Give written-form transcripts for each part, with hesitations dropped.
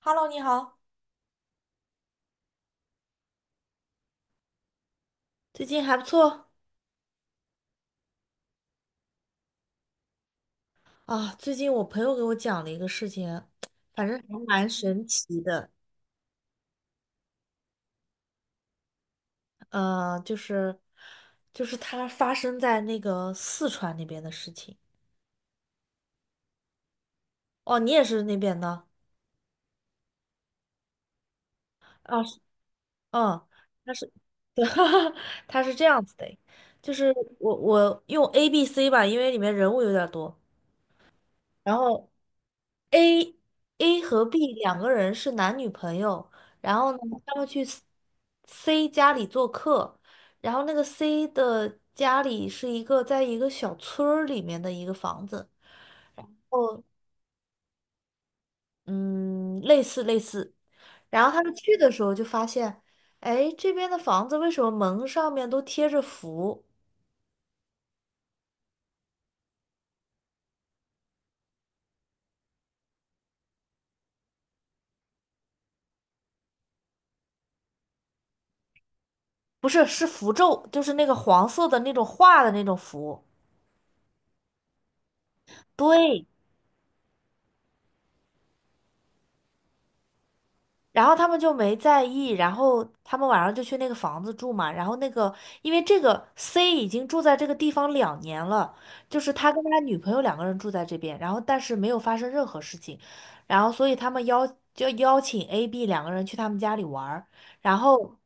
Hello，你好，最近还不错啊。最近我朋友给我讲了一个事情，反正还蛮神奇的。呃，就是就是它发生在那个四川那边的事情。哦，你也是那边的啊？是。嗯，他是，对，他是这样子的，就是我用 A、B、C 吧，因为里面人物有点多。然后 A A 和 B 两个人是男女朋友，然后呢，他们去 C 家里做客，然后那个 C 的家里是在一个小村儿里面的一个房子。哦，嗯，类似类似。然后他们去的时候就发现，哎，这边的房子为什么门上面都贴着符？不是，是符咒，就是那个黄色的那种画的那种符。对，然后他们就没在意，然后他们晚上就去那个房子住嘛。然后那个，因为这个 C 已经住在这个地方2年了，就是他跟他女朋友两个人住在这边，然后但是没有发生任何事情，然后所以他们邀就邀请 A、B 两个人去他们家里玩儿。然后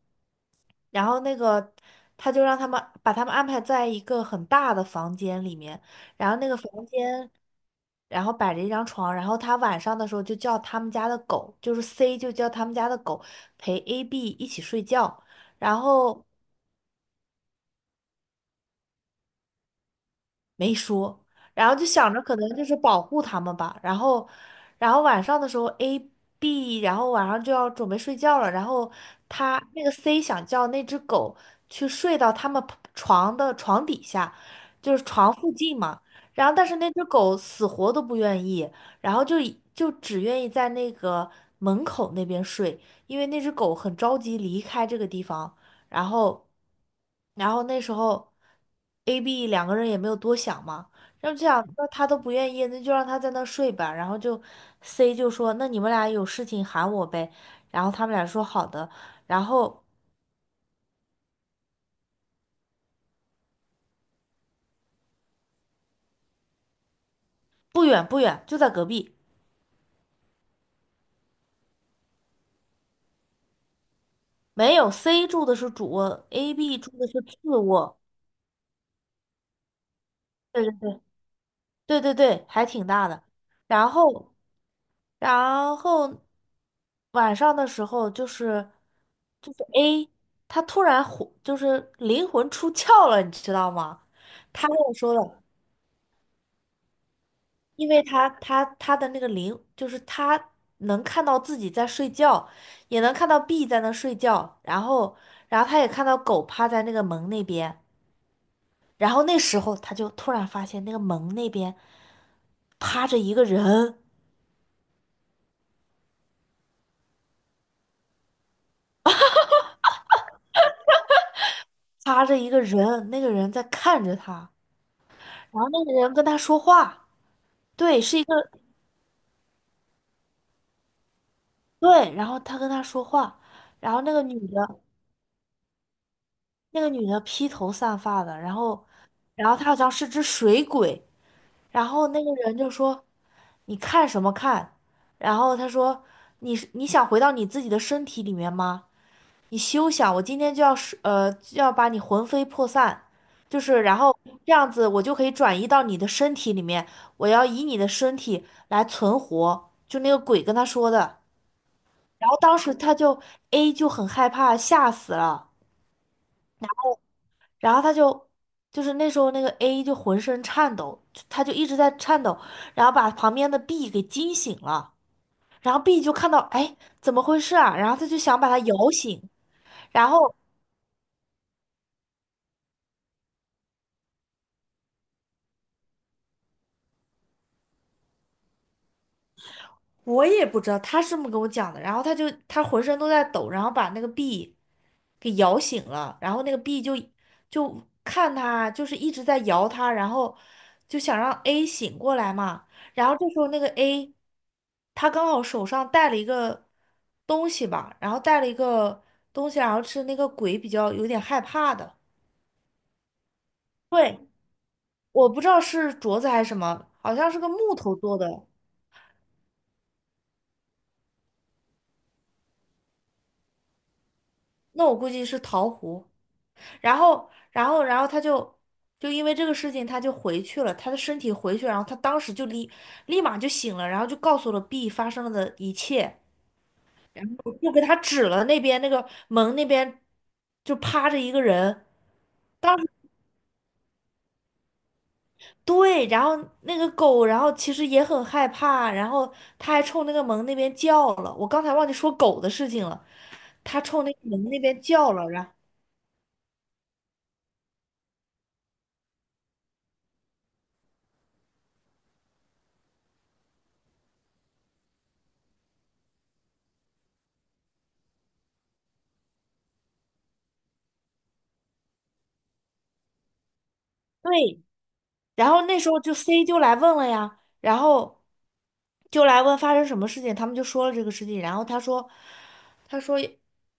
然后那个他就让他们把他们安排在一个很大的房间里面，然后那个房间，然后摆着一张床，然后他晚上的时候就叫他们家的狗，就是 C 就叫他们家的狗陪 AB 一起睡觉，然后。没说，然后就想着可能就是保护他们吧。然后然后晚上的时候 然后晚上就要准备睡觉了，然后那个 C 想叫那只狗去睡到他们 床的床底下，就是床附近嘛。然后但是那只狗死活都不愿意，然后就只愿意在那个门口那边睡，因为那只狗很着急离开这个地方。然后，然后那时候，A、B 两个人也没有多想嘛，然后就想，那他都不愿意，那就让他在那睡吧。然后C 就说，那你们俩有事情喊我呗。然后他们俩说好的。然后不远不远，就在隔壁。没有，C 住的是主卧，A、B 住的是次卧。对对对。对对对，还挺大的。然后，然后晚上的时候就是 A，他突然就是灵魂出窍了，你知道吗？他跟我说了，因为他的那个灵就是他能看到自己在睡觉，也能看到 B 在那睡觉，然后他也看到狗趴在那个门那边，然后那时候他就突然发现那个门那边趴着一个人。趴着一个人，那个人在看着他，然后那个人跟他说话。对，是一个对，然后他跟他说话。然后那个女的，披头散发的，然后，然后她好像是只水鬼，然后那个人就说：“你看什么看？”然后他说：你想回到你自己的身体里面吗？你休想！我今天就要把你魂飞魄散，就是然后这样子，我就可以转移到你的身体里面，我要以你的身体来存活。”就那个鬼跟他说的。然后当时A 就很害怕，吓死了，然后就是那时候那个 A 就浑身颤抖，他就一直在颤抖，然后把旁边的 B 给惊醒了，然后 B 就看到哎怎么回事啊，然后他就想把他摇醒。然后我也不知道他是这么跟我讲的，然后他浑身都在抖，然后把那个 B 给摇醒了，然后那个 B 就看他，就是一直在摇他，然后就想让 A 醒过来嘛。然后这时候那个 A 他刚好手上带了一个东西吧，然后带了一个东西，然后是那个鬼比较有点害怕的。对，我不知道是镯子还是什么，好像是个木头做的。那我估计是桃核。然后，然后，然后就因为这个事情，他就回去了，他的身体回去，然后他当时就立马就醒了，然后就告诉了 B 发生了的一切，然后就给他指了那边那个门那边就趴着一个人。对，然后那个狗，然后其实也很害怕，然后他还冲那个门那边叫了，我刚才忘记说狗的事情了，他冲那个门那边叫了，然后对。然后那时候就 C 就来问了呀，然后就来问发生什么事情，他们就说了这个事情，然后他说，他说，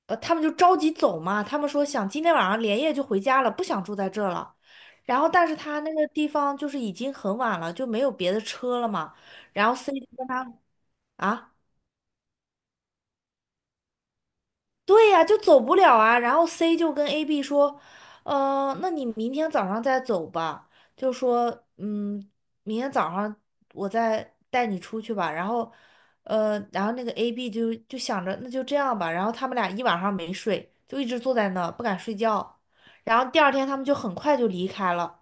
他们就着急走嘛，他们说想今天晚上连夜就回家了，不想住在这儿了。然后，但是他那个地方就是已经很晚了，就没有别的车了嘛。然后 C 就跟他啊。对呀，就走不了啊。然后 C 就跟 AB 说，那你明天早上再走吧。就说，明天早上我再带你出去吧。然后，然后那个 AB 就想着那就这样吧。然后他们俩一晚上没睡，就一直坐在那儿不敢睡觉。然后第二天他们就很快就离开了。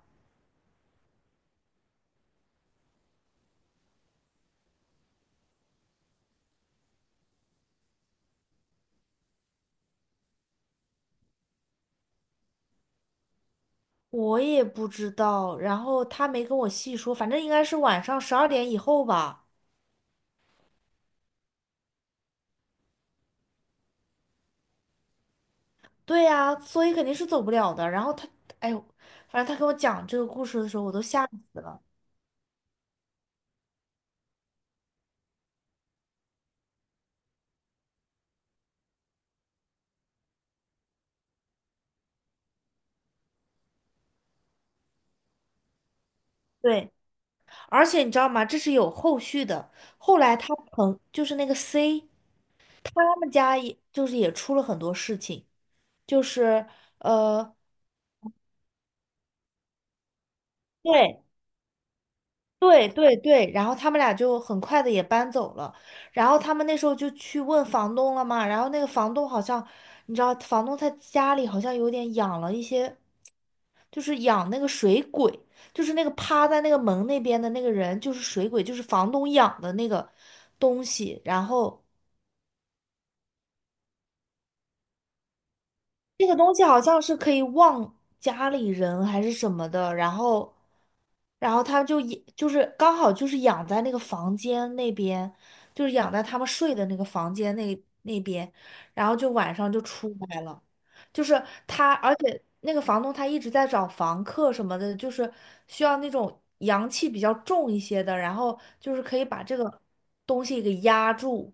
我也不知道，然后他没跟我细说，反正应该是晚上12点以后吧。对呀、所以肯定是走不了的。然后他，哎呦，反正他跟我讲这个故事的时候，我都吓死了。对，而且你知道吗？这是有后续的。后来就是那个 C，他们家也就是也出了很多事情，就是呃，对，对对对，然后他们俩就很快的也搬走了，然后他们那时候就去问房东了嘛，然后那个房东好像，你知道，房东他家里好像有点养了一些，就是养那个水鬼，就是那个趴在那个门那边的那个人，就是水鬼，就是房东养的那个东西，然后。这个东西好像是可以忘家里人还是什么的。然后他就也就是刚好就是养在那个房间那边，就是养在他们睡的那个房间那边，然后就晚上就出来了，就是他，而且那个房东他一直在找房客什么的，就是需要那种阳气比较重一些的，然后就是可以把这个东西给压住。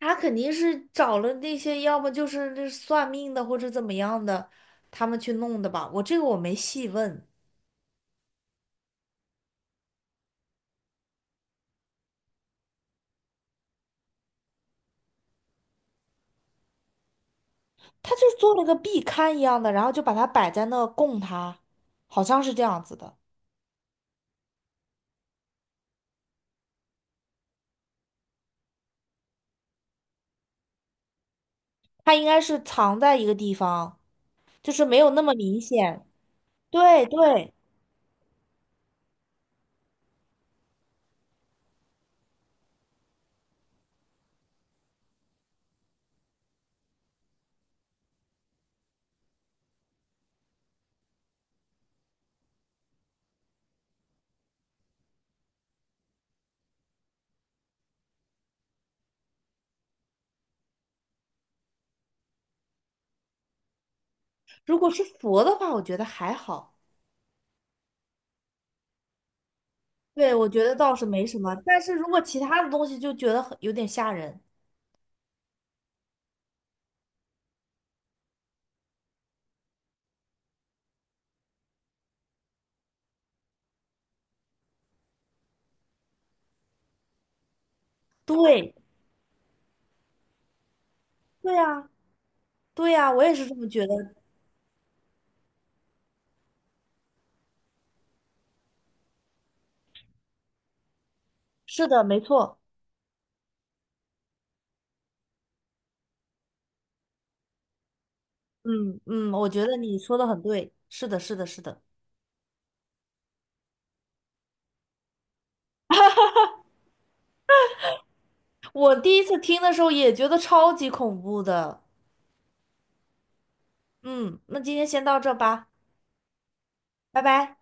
他肯定是找了那些，要么就是那算命的，或者怎么样的，他们去弄的吧。我这个我没细问，他就做了个壁龛一样的，然后就把它摆在那供他，好像是这样子的。他应该是藏在一个地方，就是没有那么明显。对对，如果是佛的话，我觉得还好。对，我觉得倒是没什么，但是如果其他的东西，就觉得很有点吓人。对，对呀，对呀，我也是这么觉得。是的，没错。嗯嗯，我觉得你说的很对，是的，是的，是的。我第一次听的时候也觉得超级恐怖的。嗯，那今天先到这吧，拜拜。